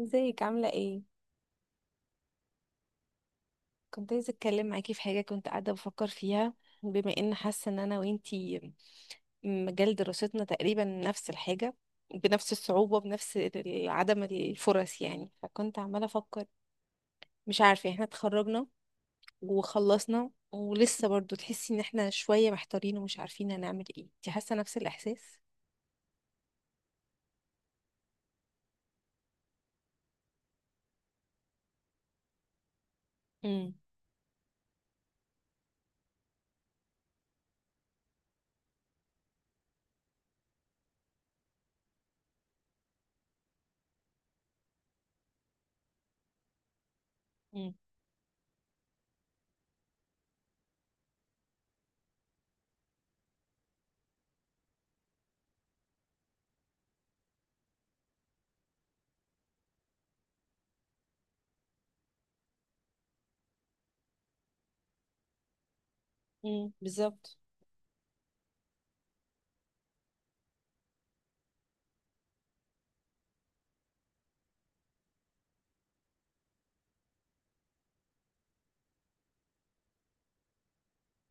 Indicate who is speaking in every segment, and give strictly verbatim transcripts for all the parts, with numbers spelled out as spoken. Speaker 1: ازيك عاملة ايه؟ كنت عايزة اتكلم معاكي في حاجة كنت قاعدة بفكر فيها، بما ان حاسة ان انا وانتي مجال دراستنا تقريبا نفس الحاجة، بنفس الصعوبة، بنفس ال- عدم الفرص. يعني فكنت عمالة افكر، مش عارفة، احنا اتخرجنا وخلصنا ولسه برضو تحسي ان احنا شوية محتارين ومش عارفين هنعمل ايه. انتي حاسة نفس الاحساس؟ امم، امم، بالظبط.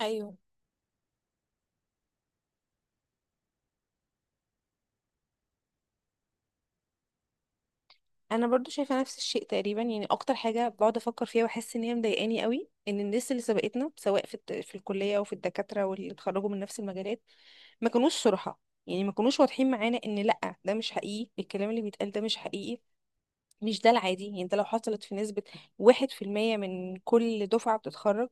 Speaker 1: ايوه، انا برضو شايفه نفس الشيء تقريبا. يعني اكتر حاجه بقعد افكر فيها واحس ان هي مضايقاني قوي، ان الناس اللي سبقتنا سواء في الت- في الكليه وفي الدكاتره واللي اتخرجوا من نفس المجالات، ما كانوش صراحه، يعني ما كانوش واضحين معانا ان لا، ده مش حقيقي، الكلام اللي بيتقال ده مش حقيقي، مش ده العادي. يعني ده لو حصلت في نسبه واحد في المية من كل دفعه بتتخرج،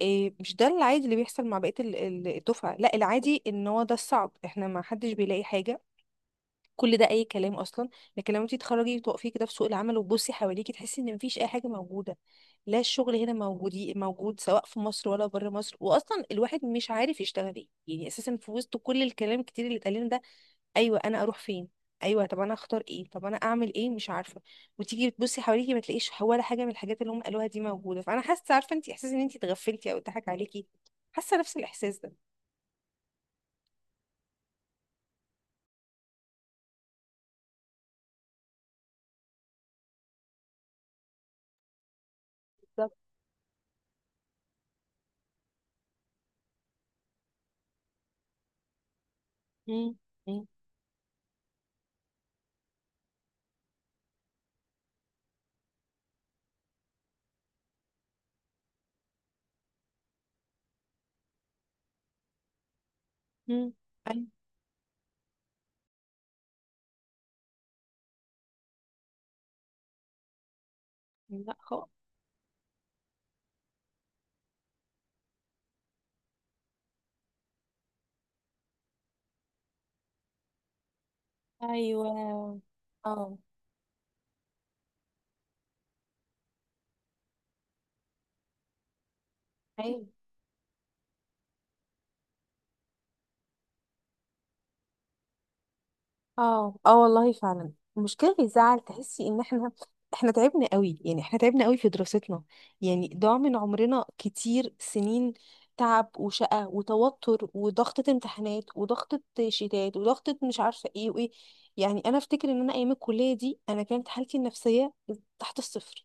Speaker 1: إيه، مش ده العادي اللي بيحصل مع بقيه ال- ال- الدفعه. لا، العادي ان هو ده الصعب، احنا ما حدش بيلاقي حاجه، كل ده اي كلام اصلا. لكن لما انت تتخرجي وتقفي كده في سوق العمل وتبصي حواليكي، تحسي ان مفيش اي حاجه موجوده. لا، الشغل هنا موجود موجود، سواء في مصر ولا بره مصر، واصلا الواحد مش عارف يشتغل ايه يعني اساسا في وسط كل الكلام الكتير اللي اتقال لنا ده. ايوه، انا اروح فين؟ ايوه، طب انا اختار ايه؟ طب انا اعمل ايه؟ مش عارفه. وتيجي بتبصي حواليكي ما تلاقيش ولا حاجه من الحاجات اللي هم قالوها دي موجوده، فانا حاسه، عارفه انت، احساس ان انت اتغفلتي او اتضحك عليكي. حاسه نفس الاحساس ده. بالظبط. امم، امم. مم. أيوة. لا خالص. ايوه. اه. ايوه. اه، اه والله فعلا، المشكله اللي تزعل تحسي ان احنا احنا تعبنا قوي. يعني احنا تعبنا قوي في دراستنا، يعني ضاع من عمرنا كتير سنين، تعب وشقة وتوتر وضغطة امتحانات وضغطة شتات وضغطة مش عارفة ايه وايه. يعني انا افتكر ان انا ايام الكلية دي، انا كانت حالتي النفسية تحت الصفر.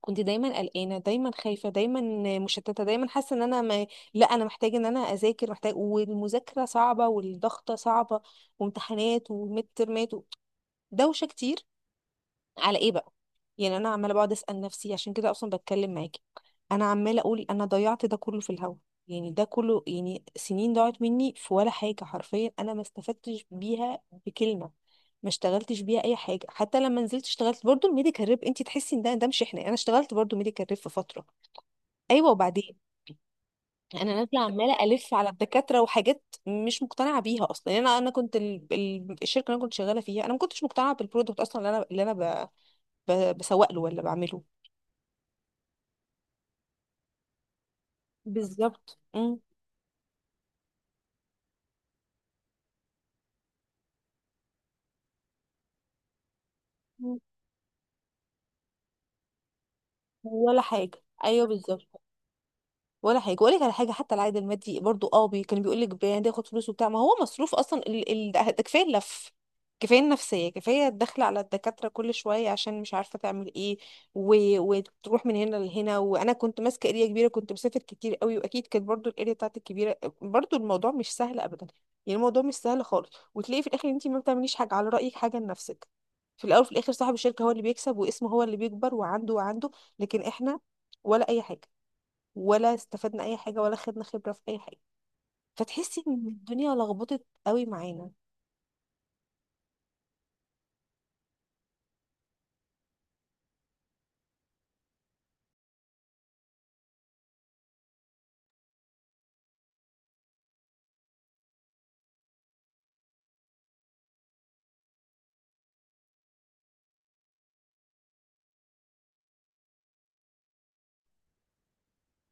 Speaker 1: كنت دايما قلقانه، دايما خايفه، دايما مشتته، دايما حاسه ان انا ما... لا، انا محتاجه ان انا اذاكر، محتاج، والمذاكره صعبه والضغطه صعبه وامتحانات وميد ترمات و... دوشه كتير. على ايه بقى؟ يعني انا عماله بقعد اسال نفسي، عشان كده اصلا بتكلم معاكي. انا عماله اقول انا ضيعت ده كله في الهوا. يعني ده كله يعني سنين ضاعت مني في ولا حاجه، حرفيا انا ما استفدتش بيها بكلمه، ما اشتغلتش بيها اي حاجه. حتى لما نزلت اشتغلت برضو الميديكال ريب، انت تحسي ان ده ده مش احنا. انا اشتغلت برضو ميديكال ريب في فتره، ايوه، وبعدين انا نازله عماله الف على الدكاتره وحاجات مش مقتنعه بيها اصلا. يعني انا انا كنت ال... ال- الشركه اللي انا كنت شغاله فيها انا ما كنتش مقتنعه بالبرودكت اصلا اللي انا اللي انا ب... ب... بسوق له ولا بعمله. بالظبط، امم. ولا حاجه، ايوه بالظبط. ولا حاجه، واقول لك على حاجه، حتى العائد المادي برضو، اه، بي كان بيقول لك ده ياخد فلوس وبتاع، ما هو مصروف اصلا ال... ال... ده ده كفايه اللف، كفايه النفسيه، كفايه الدخل على الدكاتره كل شويه عشان مش عارفه تعمل ايه، و... وتروح من هنا لهنا. وانا كنت ماسكه اريا كبيره، كنت مسافر كتير قوي، واكيد كانت برضو الاريا بتاعتي كبيره، برضو الموضوع مش سهل ابدا، يعني الموضوع مش سهل خالص. وتلاقي في الاخر انت ما بتعمليش حاجه، على رايك، حاجه لنفسك. في الاول وفي الاخر صاحب الشركه هو اللي بيكسب واسمه هو اللي بيكبر وعنده وعنده. لكن احنا ولا اي حاجه، ولا استفدنا اي حاجه، ولا خدنا خبره في اي حاجه. فتحسي ان الدنيا لخبطت قوي معانا.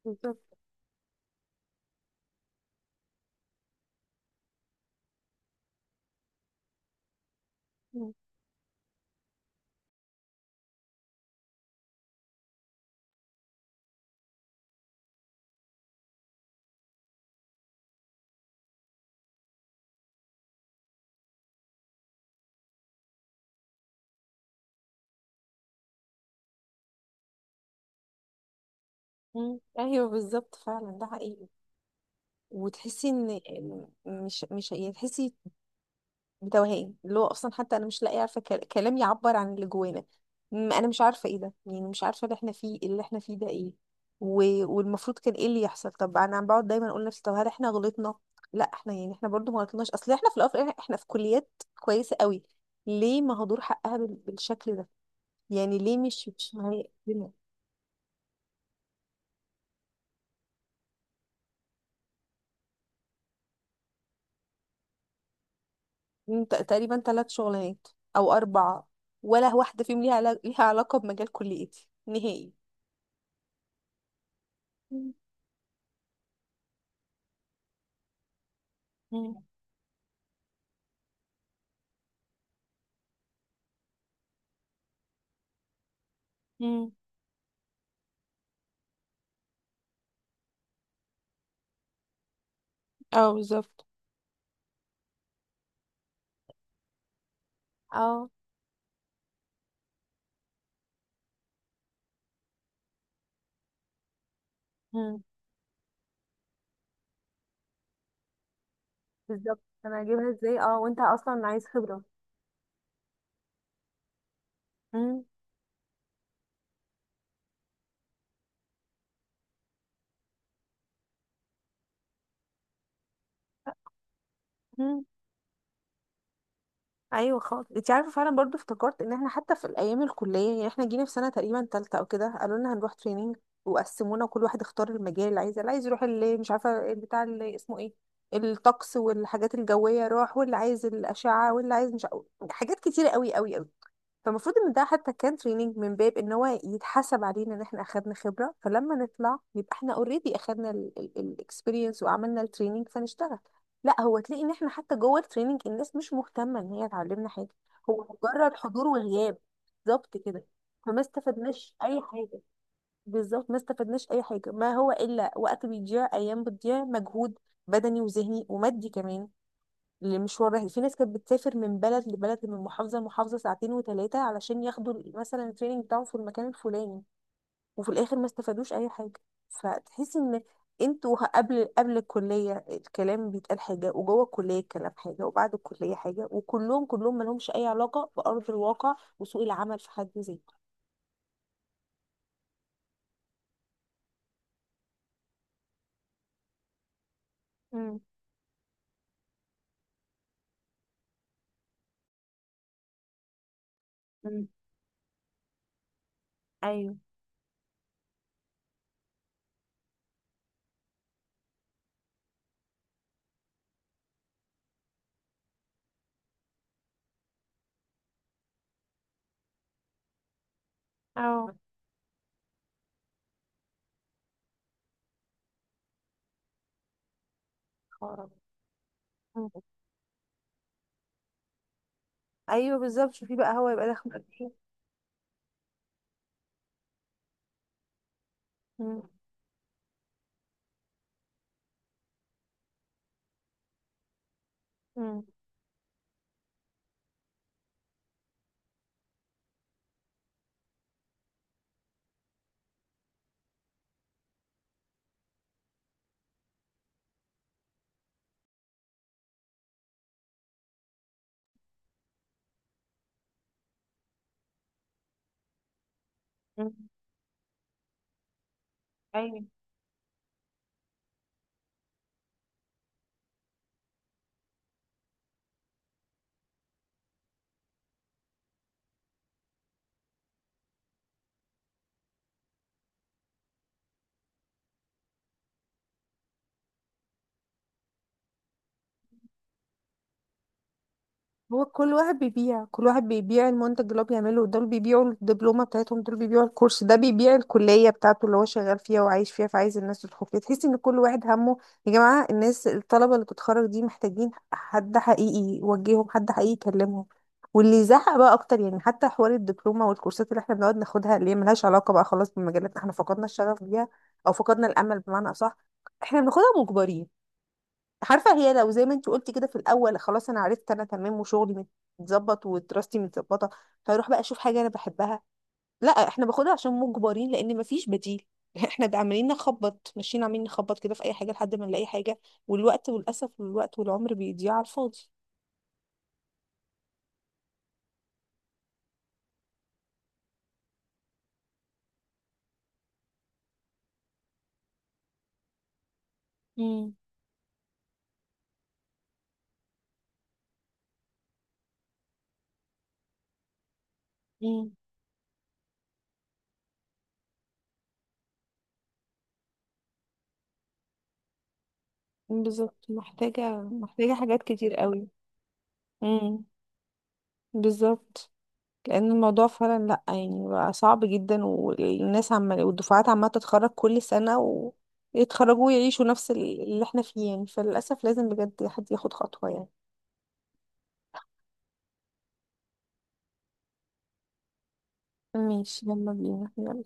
Speaker 1: بالظبط. مم. مم. ايوه بالظبط، فعلا ده حقيقي. وتحسي ان إن مش مش يعني، تحسي بتوهان، اللي هو اصلا حتى انا مش لاقيه، عارفه، كل- كلام يعبر عن اللي جوانا. م- انا مش عارفه ايه ده، يعني مش عارفه اللي احنا فيه، اللي احنا فيه ده ايه، و... والمفروض كان ايه اللي يحصل. طب انا عم بقعد دايما اقول لنفسي طب هل احنا غلطنا؟ لا، احنا يعني احنا برضو ما غلطناش، اصل احنا في الاول وفي الآخر احنا في كليات كويسه قوي، ليه مهدور حقها بال... بالشكل ده؟ يعني ليه مش مش معايا هنا؟ م- ت- تقريبا ثلاث شغلانات او اربعه، ولا واحده فيهم ليها علاقه، ليها علاقه بمجال كليتي نهائي. مم. مم. اه بالظبط. اه. مم. بالظبط. انا هجيبها ازاي؟ اه، وانت اصلا عايز خبرة. مم. مم. ايوه خالص. انت عارفه، فعلا برضو افتكرت ان احنا حتى في الايام الكليه، يعني احنا جينا في سنه تقريبا تالتة او كده، قالوا لنا هنروح تريننج. وقسمونا، كل واحد اختار المجال اللي عايزه، اللي عايز يروح اللي مش عارفه بتاع، اللي اسمه ايه، الطقس والحاجات الجويه راح، واللي عايز الاشعه، واللي عايز مش عارف- حاجات كتيره قوي قوي قوي. فالمفروض ان ده حتى كان تريننج من باب ان هو يتحسب علينا ان احنا اخدنا خبره، فلما نطلع يبقى احنا اوريدي اخدنا الاكسبيرينس وعملنا التريننج فنشتغل. لا، هو تلاقي ان احنا حتى جوه التريننج الناس مش مهتمه ان هي تعلمنا حاجه، هو مجرد حضور وغياب. بالظبط كده. فما استفدناش اي حاجه، بالظبط ما استفدناش اي حاجه. ما هو الا وقت بيضيع، ايام بتضيع، مجهود بدني وذهني ومادي كمان، لمشوار رحلة. في ناس كانت بتسافر من بلد لبلد، من محافظة لمحافظة، ساعتين وثلاثة علشان ياخدوا مثلا التريننج بتاعهم في المكان الفلاني، وفي الآخر ما استفادوش أي حاجة. فتحس إن انتوا، قبل قبل الكلية الكلام بيتقال حاجة، وجوه الكلية الكلام حاجة، وبعد الكلية حاجة، وكلهم كلهم مالهمش أي علاقة بأرض الواقع وسوق العمل في حد ذاته. مم. مم. أيوه. أو. خرب. مم. أيوه بالظبط، شوفي بقى هو يبقى داخل قد إيه. مم. مم. مم. أيوه. هو كل واحد بيبيع، كل واحد بيبيع المنتج اللي هو بيعمله. دول بيبيعوا الدبلومة بتاعتهم، دول بيبيعوا الكورس ده، بيبيع الكلية بتاعته اللي هو شغال فيها وعايش فيها فعايز الناس تدخل فيها. تحس ان كل واحد همه، يا جماعة الناس، الطلبة اللي بتتخرج دي محتاجين حد حقيقي يوجههم، حد حقيقي يكلمهم واللي يزعق بقى اكتر. يعني حتى حوار الدبلومة والكورسات اللي احنا بنقعد ناخدها اللي هي ملهاش علاقة بقى خلاص بمجالاتنا، احنا فقدنا الشغف بيها، او فقدنا الامل بمعنى اصح. احنا بناخدها مجبرين. عارفه، هي لو زي ما انت قلتي كده في الاول، خلاص انا عرفت انا تمام وشغلي متظبط ودراستي متظبطه، فاروح بقى اشوف حاجه انا بحبها. لا، احنا باخدها عشان مجبرين لان مفيش بديل. احنا ده عمالين نخبط، ماشيين عمالين نخبط كده في اي حاجه لحد ما نلاقي حاجه، والوقت والاسف والوقت والعمر بيضيع على الفاضي. امم. امم، بالظبط. محتاجه، محتاجه حاجات كتير قوي. امم. بالظبط. لان الموضوع فعلا لا يعني بقى صعب جدا، والناس عمال والدفعات عماله تتخرج كل سنه، ويتخرجوا ويعيشوا نفس ال- اللي احنا فيه. يعني فللاسف لازم بجد حد ياخد خطوه يعني. ماشي، يلا بينا، يلا.